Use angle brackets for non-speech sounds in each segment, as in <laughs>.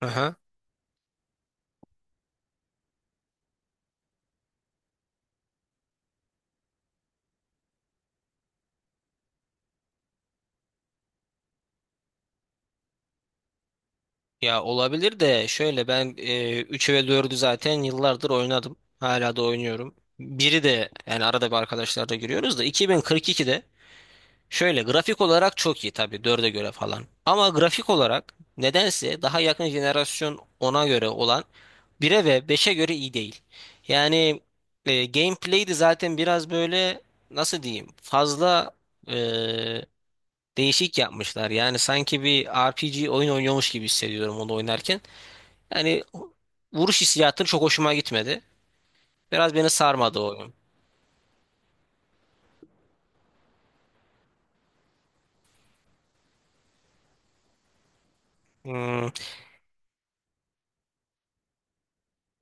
Aha. Ya olabilir de şöyle ben 3'ü ve dördü zaten yıllardır oynadım. Hala da oynuyorum. Biri de yani arada bir arkadaşlarla giriyoruz da 2042'de şöyle grafik olarak çok iyi tabii 4'e göre falan. Ama grafik olarak nedense daha yakın jenerasyon ona göre olan 1'e ve beşe göre iyi değil. Yani gameplay de zaten biraz böyle nasıl diyeyim fazla, e, değişik yapmışlar. Yani sanki bir RPG oyun oynuyormuş gibi hissediyorum onu oynarken. Yani vuruş hissiyatı çok hoşuma gitmedi. Biraz beni sarmadı o oyun. Hmm.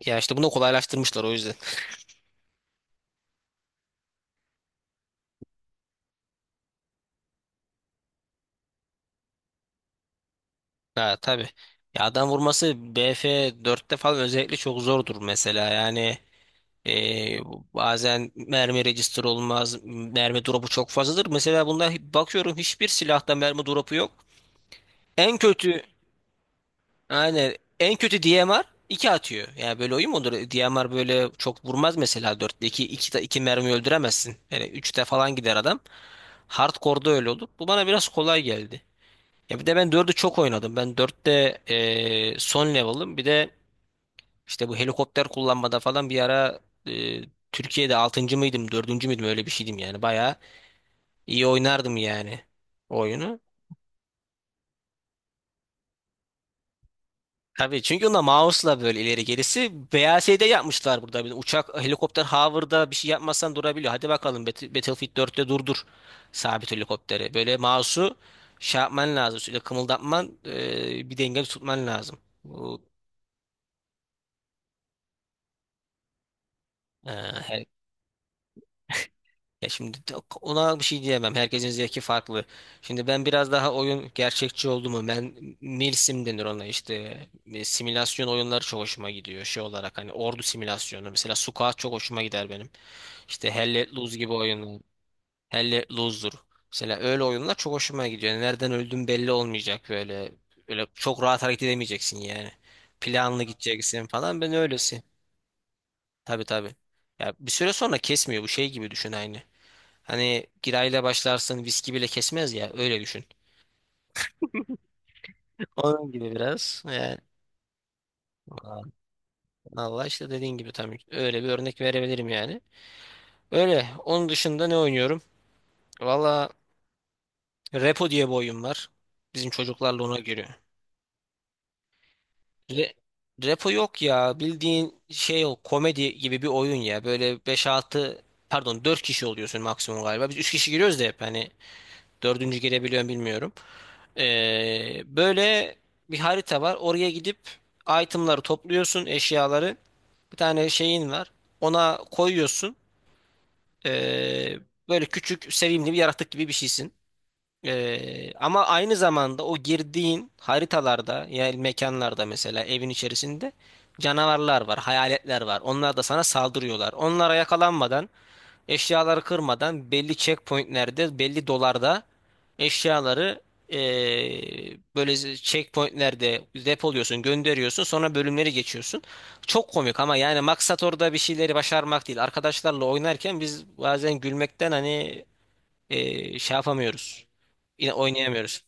Ya işte bunu kolaylaştırmışlar o yüzden. Ha, tabii. Ya adam vurması BF4'te falan özellikle çok zordur mesela. Yani e, bazen mermi register olmaz. Mermi drop'u çok fazladır. Mesela bunda bakıyorum hiçbir silahta mermi drop'u yok. En kötü Aynen. En kötü DMR 2 atıyor. Yani böyle oyun mu olur? DMR böyle çok vurmaz mesela 4'te 2 2 2 mermi öldüremezsin. Yani üçte falan gider adam. Hardcore'da öyle olur. Bu bana biraz kolay geldi. Ya bir de ben 4'ü çok oynadım. Ben dörtte, son level'ım. Bir de işte bu helikopter kullanmada falan bir ara eee, Türkiye'de altıncı mıydım, dördüncü müydüm öyle bir şeydim yani. Bayağı iyi oynardım yani o oyunu. Tabii çünkü onda mouse'la böyle ileri gerisi BASD yapmışlar burada. Bir de uçak, helikopter hover'da bir şey yapmazsan durabiliyor. Hadi bakalım Battlefield 4'te durdur sabit helikopteri. Böyle mouse'u şey yapman lazım. Sürekli kımıldatman, bir denge tutman lazım. Bu e, her- Ya şimdi de- Ona bir şey diyemem. Herkesin zevki farklı. Şimdi ben biraz daha oyun gerçekçi oldu mu? Ben milsim denir ona işte. Simülasyon oyunları çok hoşuma gidiyor. Şey olarak hani ordu simülasyonu. Mesela Sukat çok hoşuma gider benim. İşte Hell Let Loose gibi oyunlar. Hell Let Loose'dur. Mesela öyle oyunlar çok hoşuma gidiyor. Yani nereden öldüğün belli olmayacak böyle. Öyle çok rahat hareket edemeyeceksin yani. Planlı gideceksin falan. Ben öylesin. Tabii, tabii. Ya bir süre sonra kesmiyor. Bu şey gibi düşün aynı. Hani girayla başlarsın viski bile kesmez ya, öyle düşün. Onun gibi biraz. Yani Allah işte dediğin gibi tam öyle bir örnek verebilirim yani. Öyle. Onun dışında ne oynuyorum? Valla Repo diye bir oyun var. Bizim çocuklarla ona giriyor. Re- Repo yok ya. Bildiğin şey o komedi gibi bir oyun ya. Böyle beş altı, pardon, 4 kişi oluyorsun maksimum galiba. Biz 3 kişi giriyoruz da hep hani dördüncü gelebiliyorum bilmiyorum. Böyle bir harita var. Oraya gidip itemları topluyorsun, eşyaları. Bir tane şeyin var. Ona koyuyorsun. Ee, Böyle küçük, sevimli bir yaratık gibi bir şeysin. Ama aynı zamanda o girdiğin haritalarda, yani mekanlarda, mesela evin içerisinde canavarlar var, hayaletler var. Onlar da sana saldırıyorlar. Onlara yakalanmadan, eşyaları kırmadan belli checkpointlerde, belli dolarda eşyaları, böyle checkpointlerde depoluyorsun, gönderiyorsun, sonra bölümleri geçiyorsun. Çok komik ama yani maksat orada bir şeyleri başarmak değil. Arkadaşlarla oynarken biz bazen gülmekten hani şey yapamıyoruz. Yine oynayamıyoruz.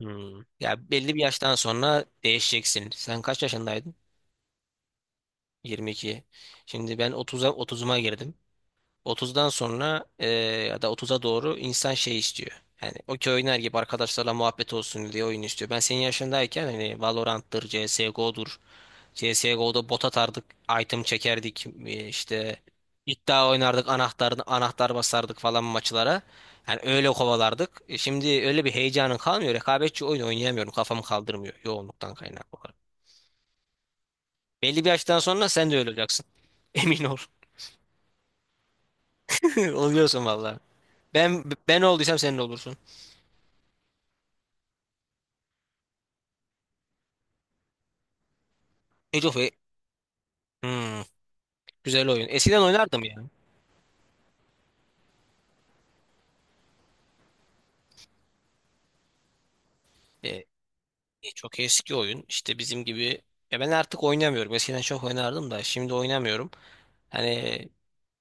Hmm. Ya, belli bir yaştan sonra değişeceksin. Sen kaç yaşındaydın? 22. Şimdi ben 30'uma girdim. Otuzdan sonra, ya da otuza doğru insan şey istiyor. Yani okey oynar gibi arkadaşlarla muhabbet olsun diye oyun istiyor. Ben senin yaşındayken hani Valorant'tır, CSGO'dur. CSGO'da bot atardık, item çekerdik, işte iddia oynardık, anahtar basardık falan maçlara. Yani öyle kovalardık. Şimdi öyle bir heyecanın kalmıyor. Rekabetçi oyun oynayamıyorum. Kafamı kaldırmıyor yoğunluktan kaynaklı olarak. Belli bir yaştan sonra sen de öyle olacaksın. <laughs> Emin ol. <laughs> Oluyorsun vallahi. Ben olduysam senin olursun. Age of E- Hmm, güzel oyun. Eskiden oynardım ya. E, Çok eski oyun. İşte bizim gibi. Ya, ben artık oynamıyorum. Eskiden çok oynardım da şimdi oynamıyorum. Hani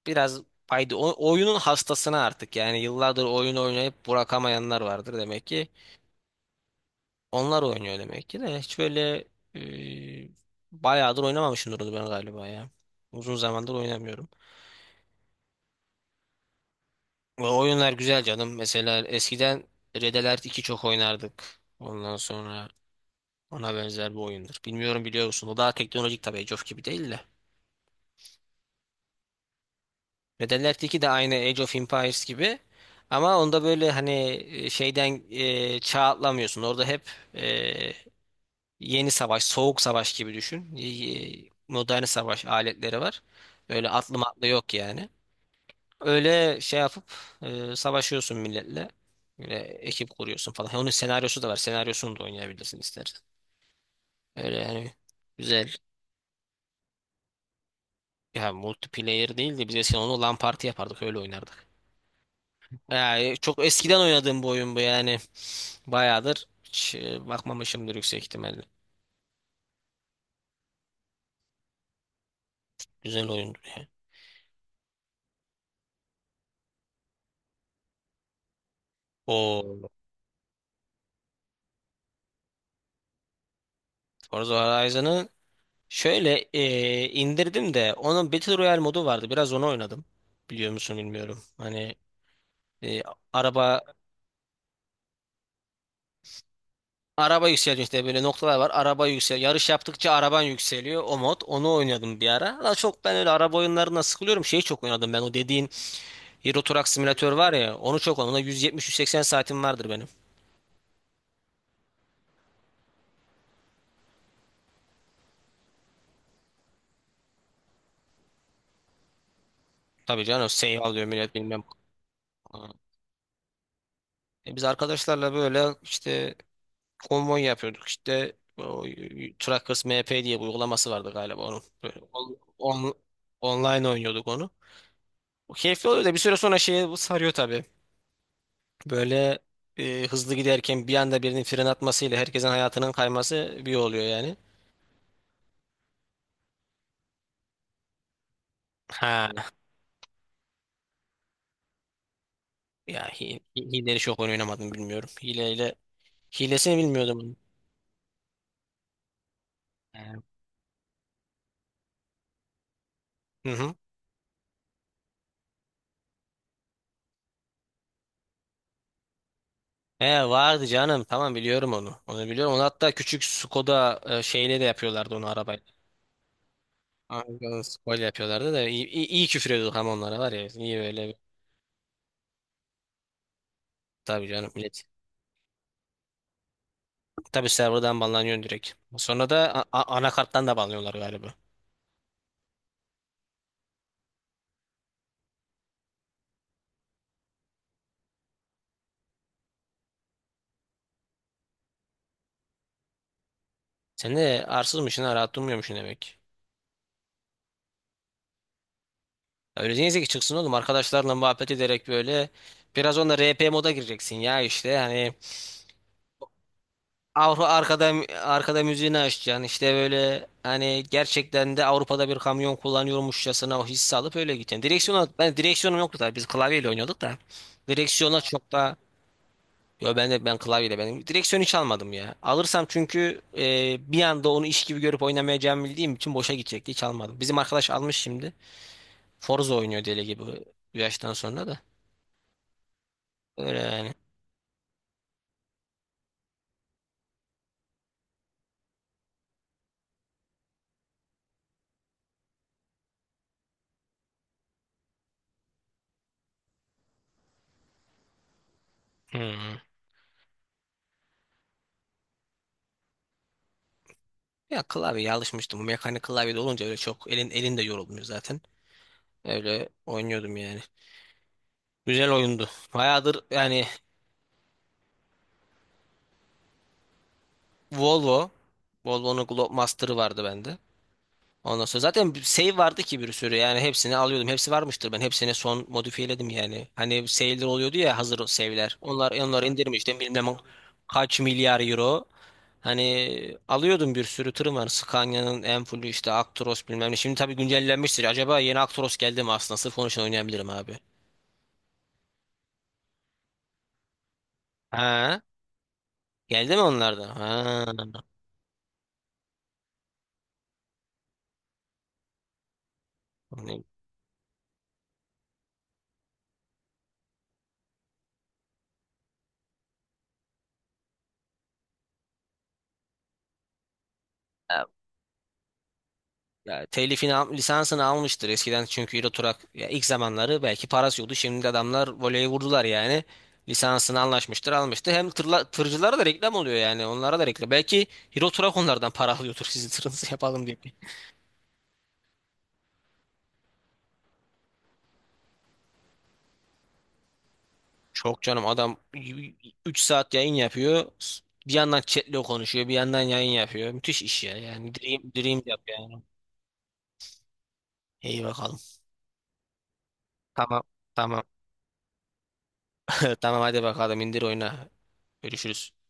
biraz fayda. Oyunun hastasına artık. Yani yıllardır oyun oynayıp bırakamayanlar vardır demek ki. Onlar oynuyor demek ki de. Hiç böyle, e, bayağıdır oynamamışımdır onu ben galiba ya. Uzun zamandır oynamıyorum. Ve oyunlar güzel canım. Mesela eskiden Red Alert iki çok oynardık. Ondan sonra ona benzer bir oyundur. Bilmiyorum, biliyor musun? O daha teknolojik tabii, Age of gibi değil de. Metal Gear 2 de aynı Age of Empires gibi. Ama onda böyle hani, şeyden, çağ atlamıyorsun. Orada hep, e, yeni savaş, soğuk savaş gibi düşün. Modern savaş aletleri var. Öyle atlı matlı yok yani. Öyle şey yapıp, savaşıyorsun milletle. Böyle ekip kuruyorsun falan. Onun senaryosu da var. Senaryosunu da oynayabilirsin istersen. Öyle yani, güzel. Ya multiplayer değil de biz eskiden onu LAN party yapardık, öyle oynardık. Yani çok eskiden oynadığım bu oyun bu yani. Bayağıdır hiç, bakmamışımdır yüksek ihtimalle. Güzel oyundu ya. O Forza Horizon'ı şöyle, indirdim de onun Battle Royale modu vardı. Biraz onu oynadım. Biliyor musun bilmiyorum. Hani, e, araba araba yükseliyor işte, böyle noktalar var. Araba yükseliyor. Yarış yaptıkça araban yükseliyor. O mod. Onu oynadım bir ara. Ama çok ben öyle araba oyunlarına sıkılıyorum. Şeyi çok oynadım ben, o dediğin Euro Truck Simülatör var ya, onu çok, ona 170-180 saatim vardır benim. Tabii canım, seyir alıyor millet bilmem. Aa. Biz arkadaşlarla böyle işte konvoy yapıyorduk, işte o Truckers MP diye bir uygulaması vardı galiba onun. Böyle online oynuyorduk onu. O keyifli oluyor da bir süre sonra şeye sarıyor tabii. Böyle, hızlı giderken bir anda birinin fren atmasıyla herkesin hayatının kayması bir oluyor yani. Ha ya, hileleri çok oyun oynamadım bilmiyorum. Hilesini bilmiyordum. Hı hı. He, vardı canım. Tamam, biliyorum onu. Onu biliyorum. Onu hatta küçük Skoda, şeyle de yapıyorlardı onu arabayla. Aynen Skoda yapıyorlardı da iyi, iyi, iyi küfür ediyorduk ama onlara var ya. İyi böyle. Tabii canım millet. Tabii serverdan banlanıyorsun direkt. Sonra da anakarttan da banlıyorlar galiba. Sen de arsızmışsın ha, rahat durmuyormuşsun demek. Ya, öyle neyse ki çıksın oğlum, arkadaşlarla muhabbet ederek böyle biraz onda RP moda gireceksin ya işte hani Avru arkada arkada müziğini açacaksın. İşte böyle hani gerçekten de Avrupa'da bir kamyon kullanıyormuşçasına o hissi alıp öyle gideceksin. Ben direksiyonum yoktu da biz klavyeyle oynuyorduk da. Direksiyona çok da yo, ben klavyeyle, ben direksiyon hiç almadım ya. Alırsam çünkü, bir anda onu iş gibi görüp oynamayacağımı bildiğim için boşa gidecekti. Hiç almadım. Bizim arkadaş almış şimdi. Forza oynuyor deli gibi bu yaştan sonra da. Öyle yani. Hmm. Ya, klavyeye alışmıştım. Bu mekanik klavye de olunca öyle çok elin de yorulmuyor zaten. Öyle oynuyordum yani. Güzel oyundu. Bayağıdır yani. Volvo. Volvo'nun Globemaster'ı vardı bende. Ondan sonra zaten bir save vardı ki bir sürü yani hepsini alıyordum. Hepsi varmıştır, ben hepsini son modifiyeledim yani. Hani save'ler oluyordu ya, hazır save'ler. Onlar onları indirmiştim, bilmem kaç milyar euro. Hani alıyordum bir sürü tırım var. Scania'nın Enfulu işte Actros bilmem ne. Şimdi tabii güncellenmiştir. Acaba yeni Actros geldi mi aslında? Sırf onun için oynayabilirim abi. Ha? Geldi mi onlardan? Ha. Hani ya, telifini lisansını almıştır eskiden çünkü Euro Truck ya, ilk zamanları belki parası yoktu. Şimdi adamlar voleyi vurdular yani. Lisansını anlaşmıştır, almıştır. Hem tırcılara da reklam oluyor yani. Onlara da reklam. Belki Euro Truck onlardan para alıyordur sizin tırınızı yapalım diye. Çok canım, adam 3 saat yayın yapıyor. Bir yandan chatle konuşuyor, bir yandan yayın yapıyor. Müthiş iş ya. Yani dream yap yani. İyi bakalım. Tamam. Tamam. <laughs> Tamam, hadi bakalım, indir, oyna. Görüşürüz.